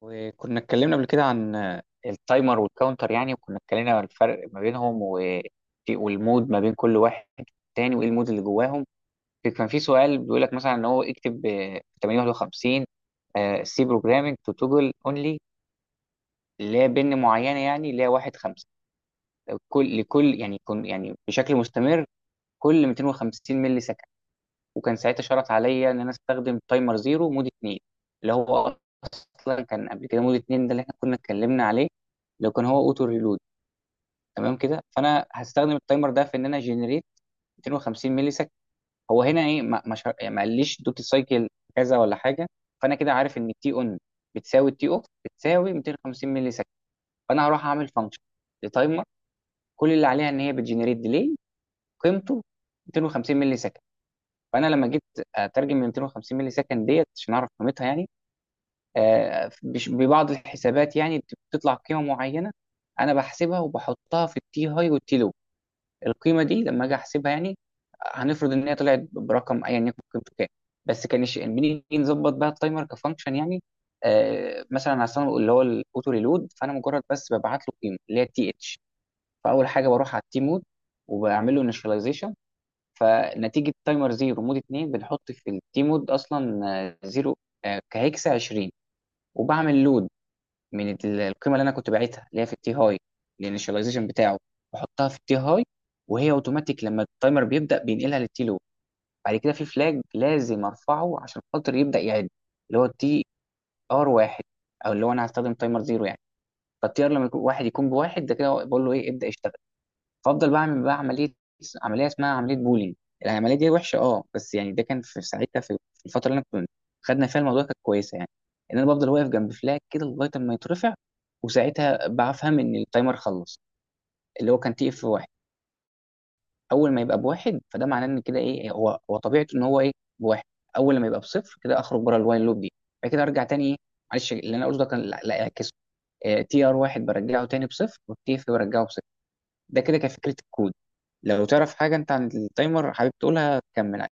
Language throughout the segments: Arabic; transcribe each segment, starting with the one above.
وكنا اتكلمنا قبل كده عن التايمر والكاونتر يعني وكنا اتكلمنا عن الفرق ما بينهم والمود ما بين كل واحد تاني وايه المود اللي جواهم. كان في سؤال بيقول لك مثلا ان هو اكتب 851 سي بروجرامينج تو توجل اونلي لا بن معينه يعني لا 1 5 لكل يعني كن يعني بشكل مستمر كل 250 ملي. وكان ساعتها شرط عليا ان انا استخدم تايمر زيرو مود 2، اللي هو اصلا كان قبل كده مود 2، ده اللي احنا كنا اتكلمنا عليه لو كان هو اوتو ريلود. تمام كده، فانا هستخدم التايمر ده في ان انا جنريت 250 ملي سكند. هو هنا ايه، ما ما, شر... يعني ما قاليش دوتي سايكل كذا ولا حاجه. فانا كده عارف ان التي اون بتساوي التي اوف بتساوي 250 ملي سكند. فانا هروح اعمل فانكشن لتايمر كل اللي عليها ان هي بتجنريت ديلي قيمته 250 ملي سكند. فانا لما جيت اترجم من 250 مللي سكند ديت عشان اعرف قيمتها يعني، ببعض الحسابات يعني بتطلع قيمه معينه. انا بحسبها وبحطها في التي هاي والتي لو. القيمه دي لما اجي احسبها يعني هنفرض ان هي طلعت برقم ايا يكن قيمته كام. بس كان بنيجي نظبط بقى التايمر كفانكشن يعني. مثلا على الصنع اللي هو الاوتو ريلود، فانا مجرد بس ببعت له قيمه اللي هي تي اتش. فاول حاجه بروح على التي مود وبعمل له، فنتيجه تايمر زيرو مود 2 بنحط في التي مود اصلا زيرو، كهيكسة 20. وبعمل لود من القيمه اللي انا كنت باعتها اللي هي في التي هاي. الانيشاليزيشن بتاعه بحطها في التي هاي، وهي اوتوماتيك لما التايمر بيبدا بينقلها للتي لو. بعد كده في فلاج لازم ارفعه عشان خاطر يبدا يعد، اللي هو التي ار واحد، او اللي هو انا هستخدم تايمر زيرو يعني. فالتي ار لما يكون واحد يكون بواحد، ده كده بقول له ايه ابدا اشتغل. فافضل بعمل بقى عمليه اسمها عمليه بولينج. العمليه دي وحشه اه، بس يعني ده كان في ساعتها في الفتره اللي انا كنت خدنا فيها الموضوع كانت كويسه يعني. ان انا بفضل واقف جنب فلاج كده لغايه اما يترفع وساعتها بفهم ان التايمر خلص، اللي هو كان تي اف واحد. اول ما يبقى بواحد فده معناه ان كده ايه، هو طبيعته ان هو ايه بواحد. اول لما يبقى بصفر كده اخرج بره الوايل لوب دي. بعد كده ارجع تاني ايه، معلش اللي انا قلته ده كان لا لا، اعكسه، تي ار واحد برجعه تاني بصفر والتي اف برجعه بصفر. ده كده كفكرة الكود. لو تعرف حاجة انت عن التايمر حابب تقولها تكمل عليه.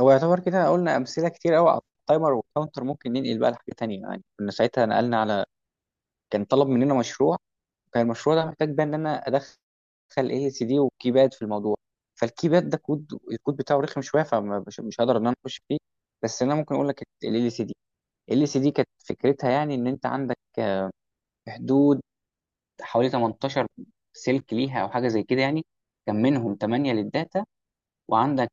هو يعتبر كده قلنا أمثلة كتير قوي على التايمر والكاونتر، ممكن ننقل بقى لحاجة تانية يعني. كنا ساعتها نقلنا على، كان طلب مننا مشروع، كان المشروع ده محتاج بقى ان انا ادخل اي سي دي وكيباد في الموضوع. فالكيباد ده كود الكود بتاعه رخم شوية، فمش مش هقدر ان انا اخش فيه. بس انا ممكن اقول لك ال سي دي. ال سي دي كانت فكرتها يعني ان انت عندك في حدود حوالي 18 سلك ليها او حاجة زي كده يعني. كان منهم 8 للداتا، وعندك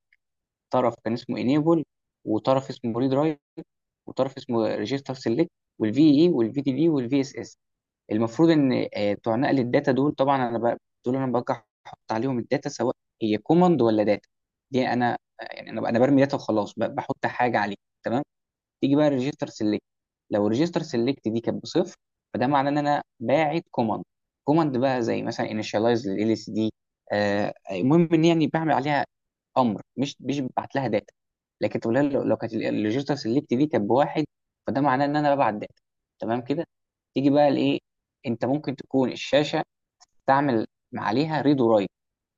طرف كان اسمه انيبل، وطرف اسمه ريدرايت، وطرف اسمه ريجستر سيلكت، والفي اي والفي دي بي والفي اس اس. المفروض ان بتوع نقل الداتا دول، طبعا دول انا برجع احط عليهم الداتا سواء هي كوماند ولا داتا. دي انا يعني انا برمي داتا وخلاص، بحط حاجه عليه. تمام. تيجي بقى ريجستر سيلكت، لو ريجستر سيلكت دي كانت بصفر فده معناه ان انا باعت كوماند. كوماند بقى زي مثلا انيشاليز لل اس دي. المهم ان يعني بعمل عليها امر، مش ببعت لها داتا. لكن تقول لها، لو كانت الريجستر سيلكت دي كانت بواحد فده معناه ان انا ببعت داتا. تمام كده. تيجي بقى لايه، انت ممكن تكون الشاشه تعمل عليها ريد ورايت.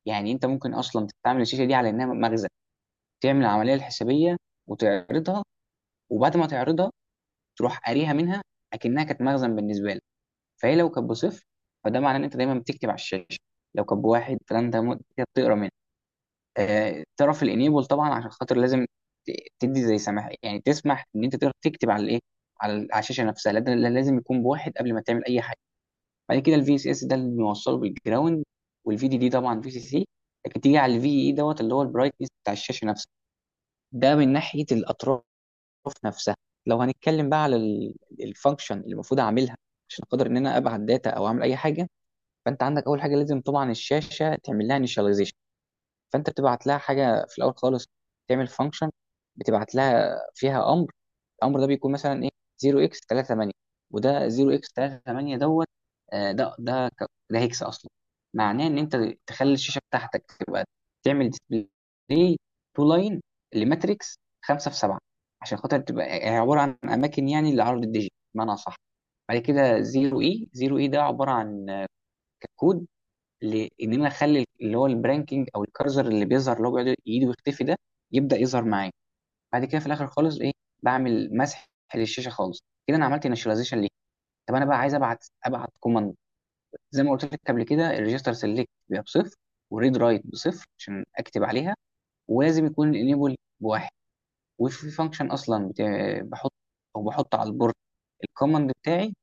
يعني انت ممكن اصلا تعمل الشاشه دي على انها مخزن، تعمل العمليه الحسابيه وتعرضها، وبعد ما تعرضها تروح قاريها منها، اكنها كانت مخزن بالنسبه لك. فهي لو كانت بصفر فده معناه ان انت دايما بتكتب على الشاشه. لو كانت بواحد فانت بتقرا منها. تعرف الانيبل طبعا عشان خاطر لازم ت- تدي زي سماح يعني تسمح ان انت تقدر تكتب على الايه، على على الشاشه نفسها، لازم يكون بواحد قبل ما تعمل اي حاجه. بعد كده الفي اس اس ده اللي بنوصله بالجراوند، والفي دي دي طبعا في سي سي. لكن تيجي على الفي اي دوت اللي هو البرايتنس بتاع الشاشه نفسها. ده من ناحيه الاطراف في نفسها. لو هنتكلم بقى على الفانكشن اللي المفروض اعملها عشان اقدر ان انا ابعت داتا او اعمل اي حاجه، فانت عندك اول حاجه لازم طبعا الشاشه تعمل لها initialization. فانت بتبعت لها حاجه في الاول خالص، تعمل فانكشن بتبعت لها فيها امر. الامر ده بيكون مثلا ايه 0 x 3 8. وده 0 x 3 8 دوت، ده هيكس اصلا، معناه ان انت تخلي الشاشه بتاعتك تبقى تعمل ديسبلاي تو لاين لماتريكس 5 في 7، عشان خاطر تبقى هي عباره عن اماكن يعني لعرض الديجيت بمعنى صح. بعد كده 0 اي، 0 اي ده عباره عن كود لان انا اخلي اللي هو البرانكينج او الكارزر اللي بيظهر اللي هو بيقعد يجي ويختفي ده يبدا يظهر معايا. بعد كده في الاخر خالص ايه، بعمل مسح للشاشه خالص. كده انا عملت انيشاليزيشن ليه. طب انا بقى عايز ابعت كوماند. زي ما قلت لك قبل كده الريجستر سيلكت بيبقى بصفر، والريد رايت بصفر عشان اكتب عليها، ولازم يكون الانيبل بواحد. وفي فانكشن اصلا بحط او بحط على البورد الكوماند بتاعي،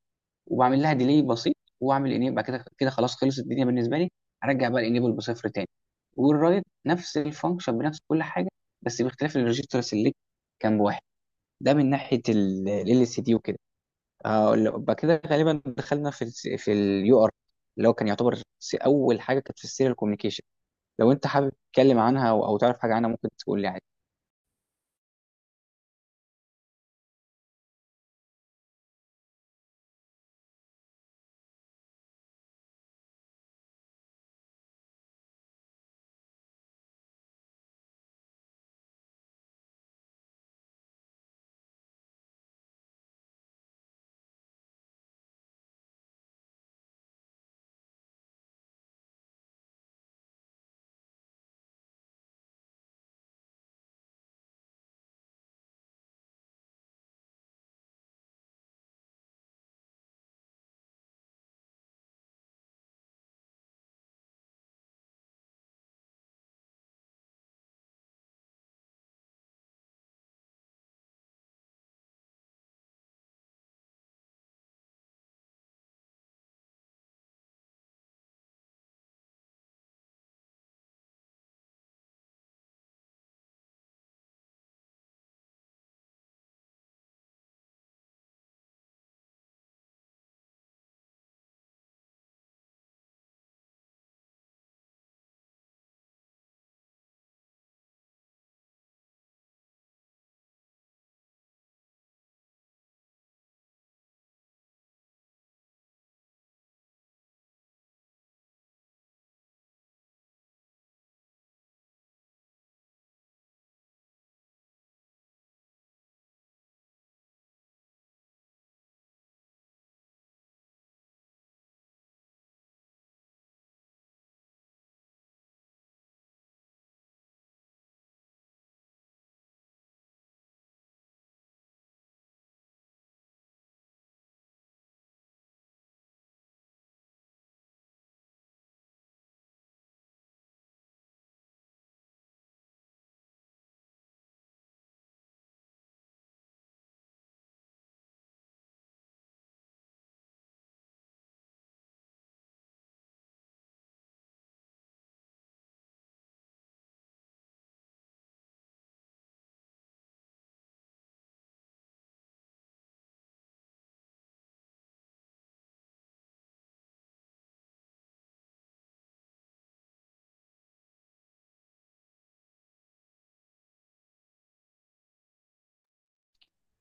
وبعمل لها ديلي بسيط واعمل انيبل. بعد كده كده خلاص خلصت الدنيا بالنسبه لي، هرجع بقى الانيبل بصفر تاني. والرايت نفس الفانكشن بنفس كل حاجه، بس باختلاف الريجستر سيلكت كان بواحد. ده من ناحيه ال اس دي وكده. بعد كده غالبا دخلنا في ال في اليو ار، اللي هو كان يعتبر اول حاجه كانت في السيريال كوميونيكيشن. لو انت حابب تتكلم عنها او تعرف حاجه عنها ممكن تقول لي عادي.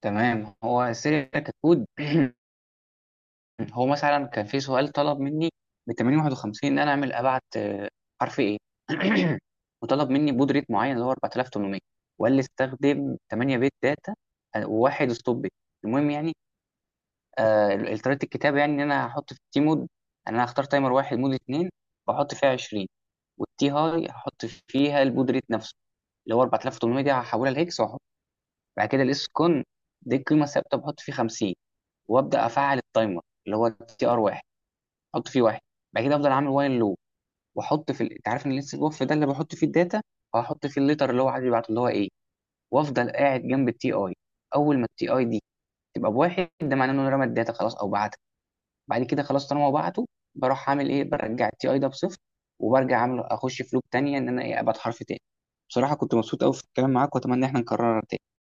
تمام. هو السيريال ككود هو مثلا كان في سؤال طلب مني ب 851 ان انا اعمل ابعت حرف ايه. وطلب مني بود ريت معين اللي هو 4800، وقال لي استخدم 8 بت داتا، وواحد ستوب بت. المهم يعني آه طريقه الكتابه يعني ان انا هحط في التي مود ان انا هختار تايمر واحد مود اتنين، واحط فيها 20. والتي هاي هحط فيها البود ريت نفسه اللي هو 4800، دي هحولها لهكس واحط. بعد كده الاس كون دي القيمه الثابته بحط فيه 50. وابدا افعل التايمر اللي هو تي ار واحد. احط فيه واحد. بعد كده افضل اعمل وايل لو واحط في انت عارف ان لسه الوف ده اللي بحط فيه الداتا، هحط فيه الليتر اللي هو عايز يبعته اللي هو ايه. وافضل قاعد جنب التي اي. اول ما التي اي دي تبقى بواحد ده معناه انه رمى الداتا خلاص او بعتها. بعد كده خلاص طالما هو بعته، بروح اعمل ايه برجع التي اي ده بصفر، وبرجع اعمل اخش في لوب تانية ان انا ايه ابعت حرف تاني. بصراحة كنت مبسوط قوي في الكلام معاك واتمنى ان احنا نكررها تاني.